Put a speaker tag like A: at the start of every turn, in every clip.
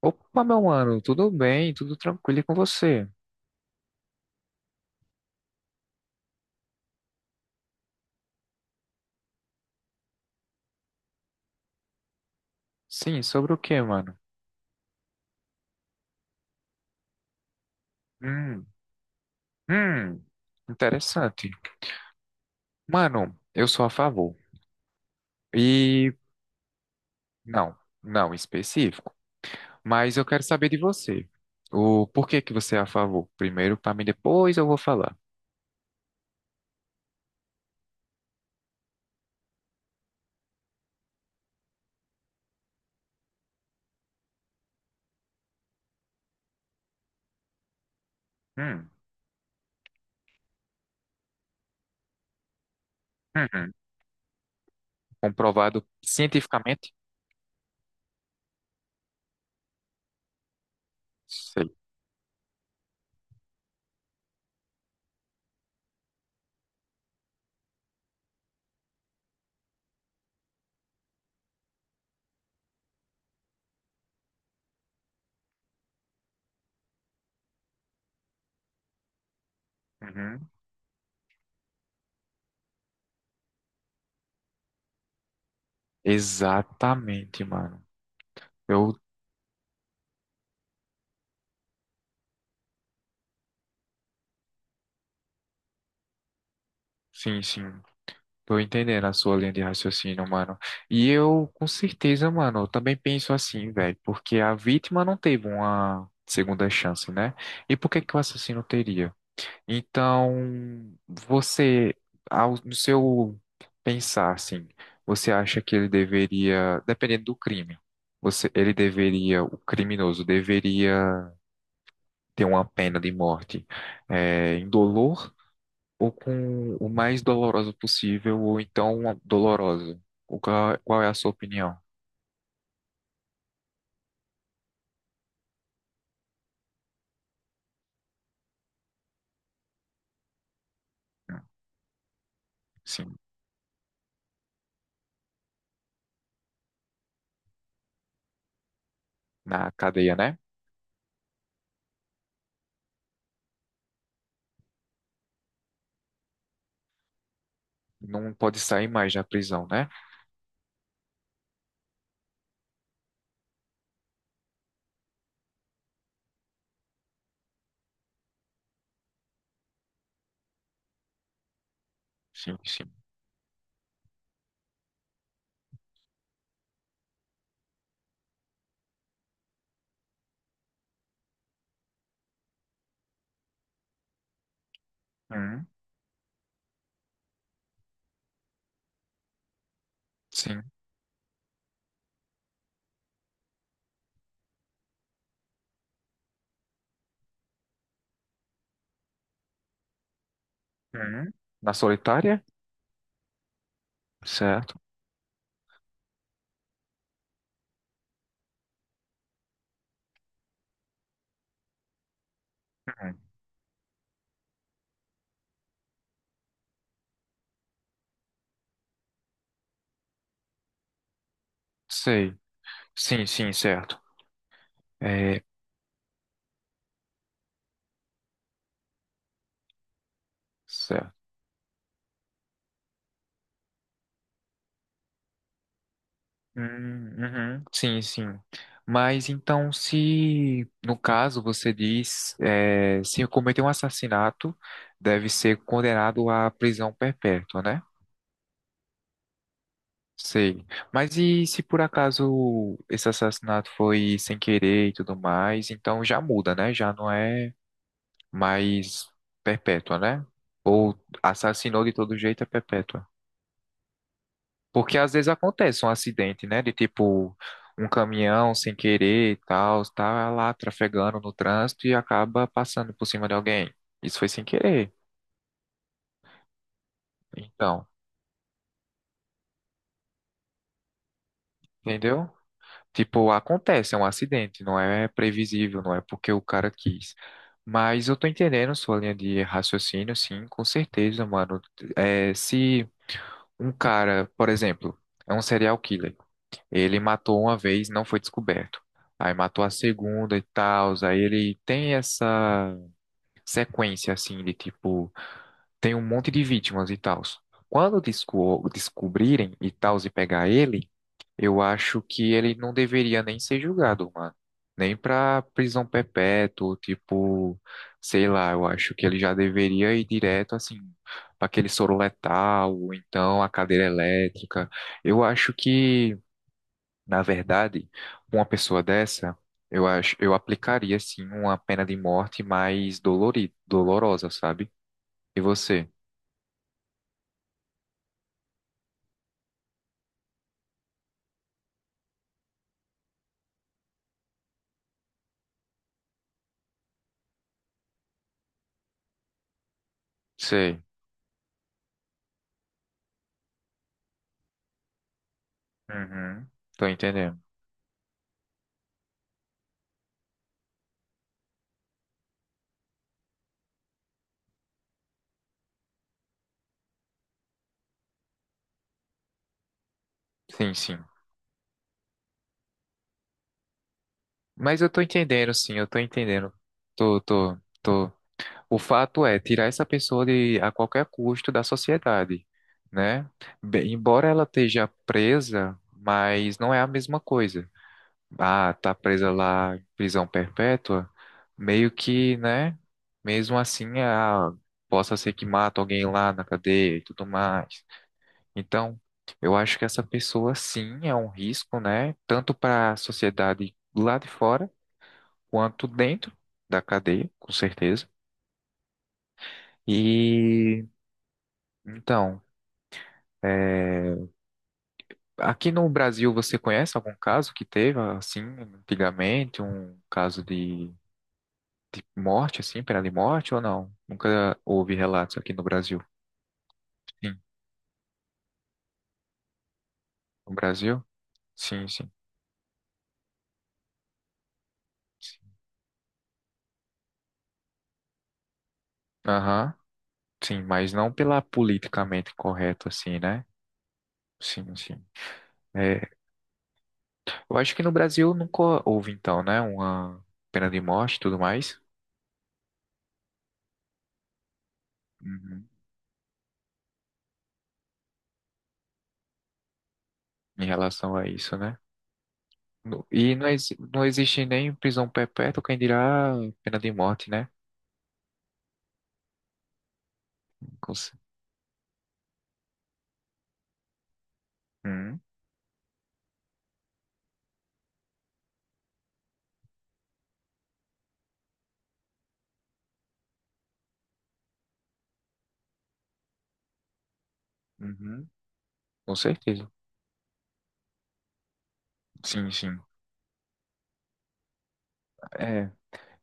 A: Opa, meu mano, tudo bem? Tudo tranquilo e com você? Sim, sobre o que, mano? Hum, hum, interessante. Mano, eu sou a favor. E não, não específico, mas eu quero saber de você. O porquê que você é a favor? Primeiro para mim, depois eu vou falar. Hum, uhum. Comprovado cientificamente? Sei. Uhum. Exatamente, mano. Eu, sim, sim. Tô entendendo a sua linha de raciocínio, mano. E eu, com certeza, mano, eu também penso assim, velho, porque a vítima não teve uma segunda chance, né? E por que que o assassino teria? Então, você, ao, no seu pensar, assim, você acha que ele deveria, dependendo do crime, você, ele deveria, o criminoso deveria ter uma pena de morte, é, indolor? Ou com o mais doloroso possível, ou então doloroso. O qual, qual é a sua opinião? Hum, Sim, na cadeia, né? Não pode sair mais da prisão, né? Sim, sim. Hum, sim. Hum. Na solitária? Certo. Hum, sei. Sim, sim, certo. É, certo. Uhum, sim, sim. Mas então, se no caso você diz, é, se cometer um assassinato, deve ser condenado à prisão perpétua, né? Sei. Mas e se por acaso esse assassinato foi sem querer e tudo mais, então já muda, né? Já não é mais perpétua, né? Ou assassinou de todo jeito é perpétua. Porque às vezes acontece um acidente, né? De tipo um caminhão sem querer e tal, tá lá trafegando no trânsito e acaba passando por cima de alguém. Isso foi sem querer. Então, entendeu? Tipo, acontece, é um acidente, não é previsível, não é porque o cara quis. Mas eu tô entendendo sua linha de raciocínio, sim, com certeza, mano. É, se um cara, por exemplo, é um serial killer, ele matou uma vez, não foi descoberto. Aí matou a segunda e tal, aí ele tem essa sequência, assim, de tipo, tem um monte de vítimas e tal. Quando descobrirem e tal, e pegar ele. Eu acho que ele não deveria nem ser julgado, mano. Nem pra prisão perpétua, tipo, sei lá, eu acho que ele já deveria ir direto, assim, pra aquele soro letal, ou então a cadeira elétrica. Eu acho que, na verdade, uma pessoa dessa, eu aplicaria, assim uma pena de morte mais dolorida, dolorosa, sabe? E você? Sei. Uhum. Tô entendendo. Sim, sim. Mas eu tô entendendo, sim, eu tô entendendo. Tô, tô, tô. O fato é tirar essa pessoa de a qualquer custo da sociedade, né? Bem, embora ela esteja presa, mas não é a mesma coisa. Ah, tá presa lá em prisão perpétua, meio que, né? Mesmo assim, ah, possa ser que mata alguém lá na cadeia e tudo mais. Então, eu acho que essa pessoa sim é um risco, né? Tanto para a sociedade lá de fora quanto dentro da cadeia, com certeza. E então, é, aqui no Brasil você conhece algum caso que teve assim antigamente, um caso de morte assim, pena de morte ou não? Nunca houve relatos aqui no Brasil. Sim, no Brasil? Sim, sim. Sim. Aham. Sim, mas não pela politicamente correta assim, né? Sim, sim. É, eu acho que no Brasil nunca houve então, né, uma pena de morte e tudo mais. Uhum. Em relação a isso, né? E não, não existe nem prisão perpétua, quem dirá pena de morte, né? Com, ce- Hum, uhum, com certeza. Sim, sim. É,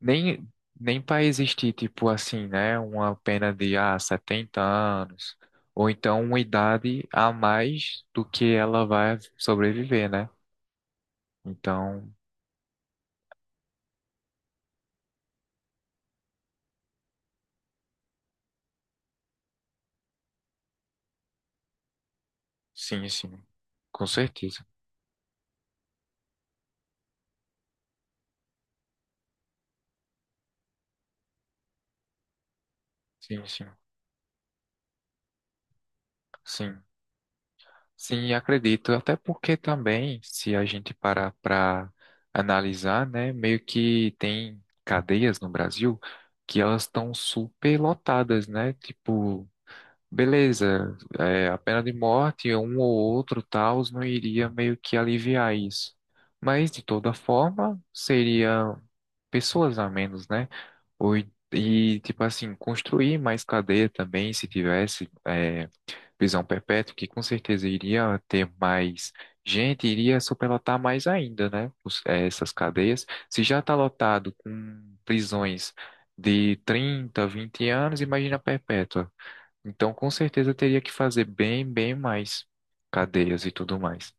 A: nem, nem para existir, tipo assim, né? Uma pena de, ah, 70 anos, ou então uma idade a mais do que ela vai sobreviver, né? Então, sim, sim, com certeza. Sim, sim, sim. Sim, acredito. Até porque também, se a gente parar para analisar, né, meio que tem cadeias no Brasil que elas estão super lotadas, né? Tipo, beleza, é, a pena de morte, um ou outro tal, não iria meio que aliviar isso. Mas, de toda forma, seria pessoas a menos, né? Ou, e, tipo assim, construir mais cadeia também, se tivesse. É, prisão perpétua, que com certeza iria ter mais gente, iria superlotar mais ainda, né? Essas cadeias. Se já está lotado com prisões de 30, 20 anos, imagina a perpétua. Então, com certeza teria que fazer bem, bem mais cadeias e tudo mais.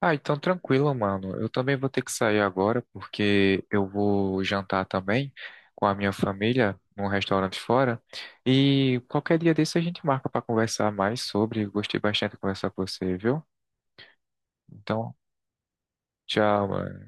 A: Ah, então tranquilo, mano. Eu também vou ter que sair agora porque eu vou jantar também com a minha família num restaurante fora. E qualquer dia desse a gente marca para conversar mais sobre. Gostei bastante de conversar com você, viu? Então, tchau, mano.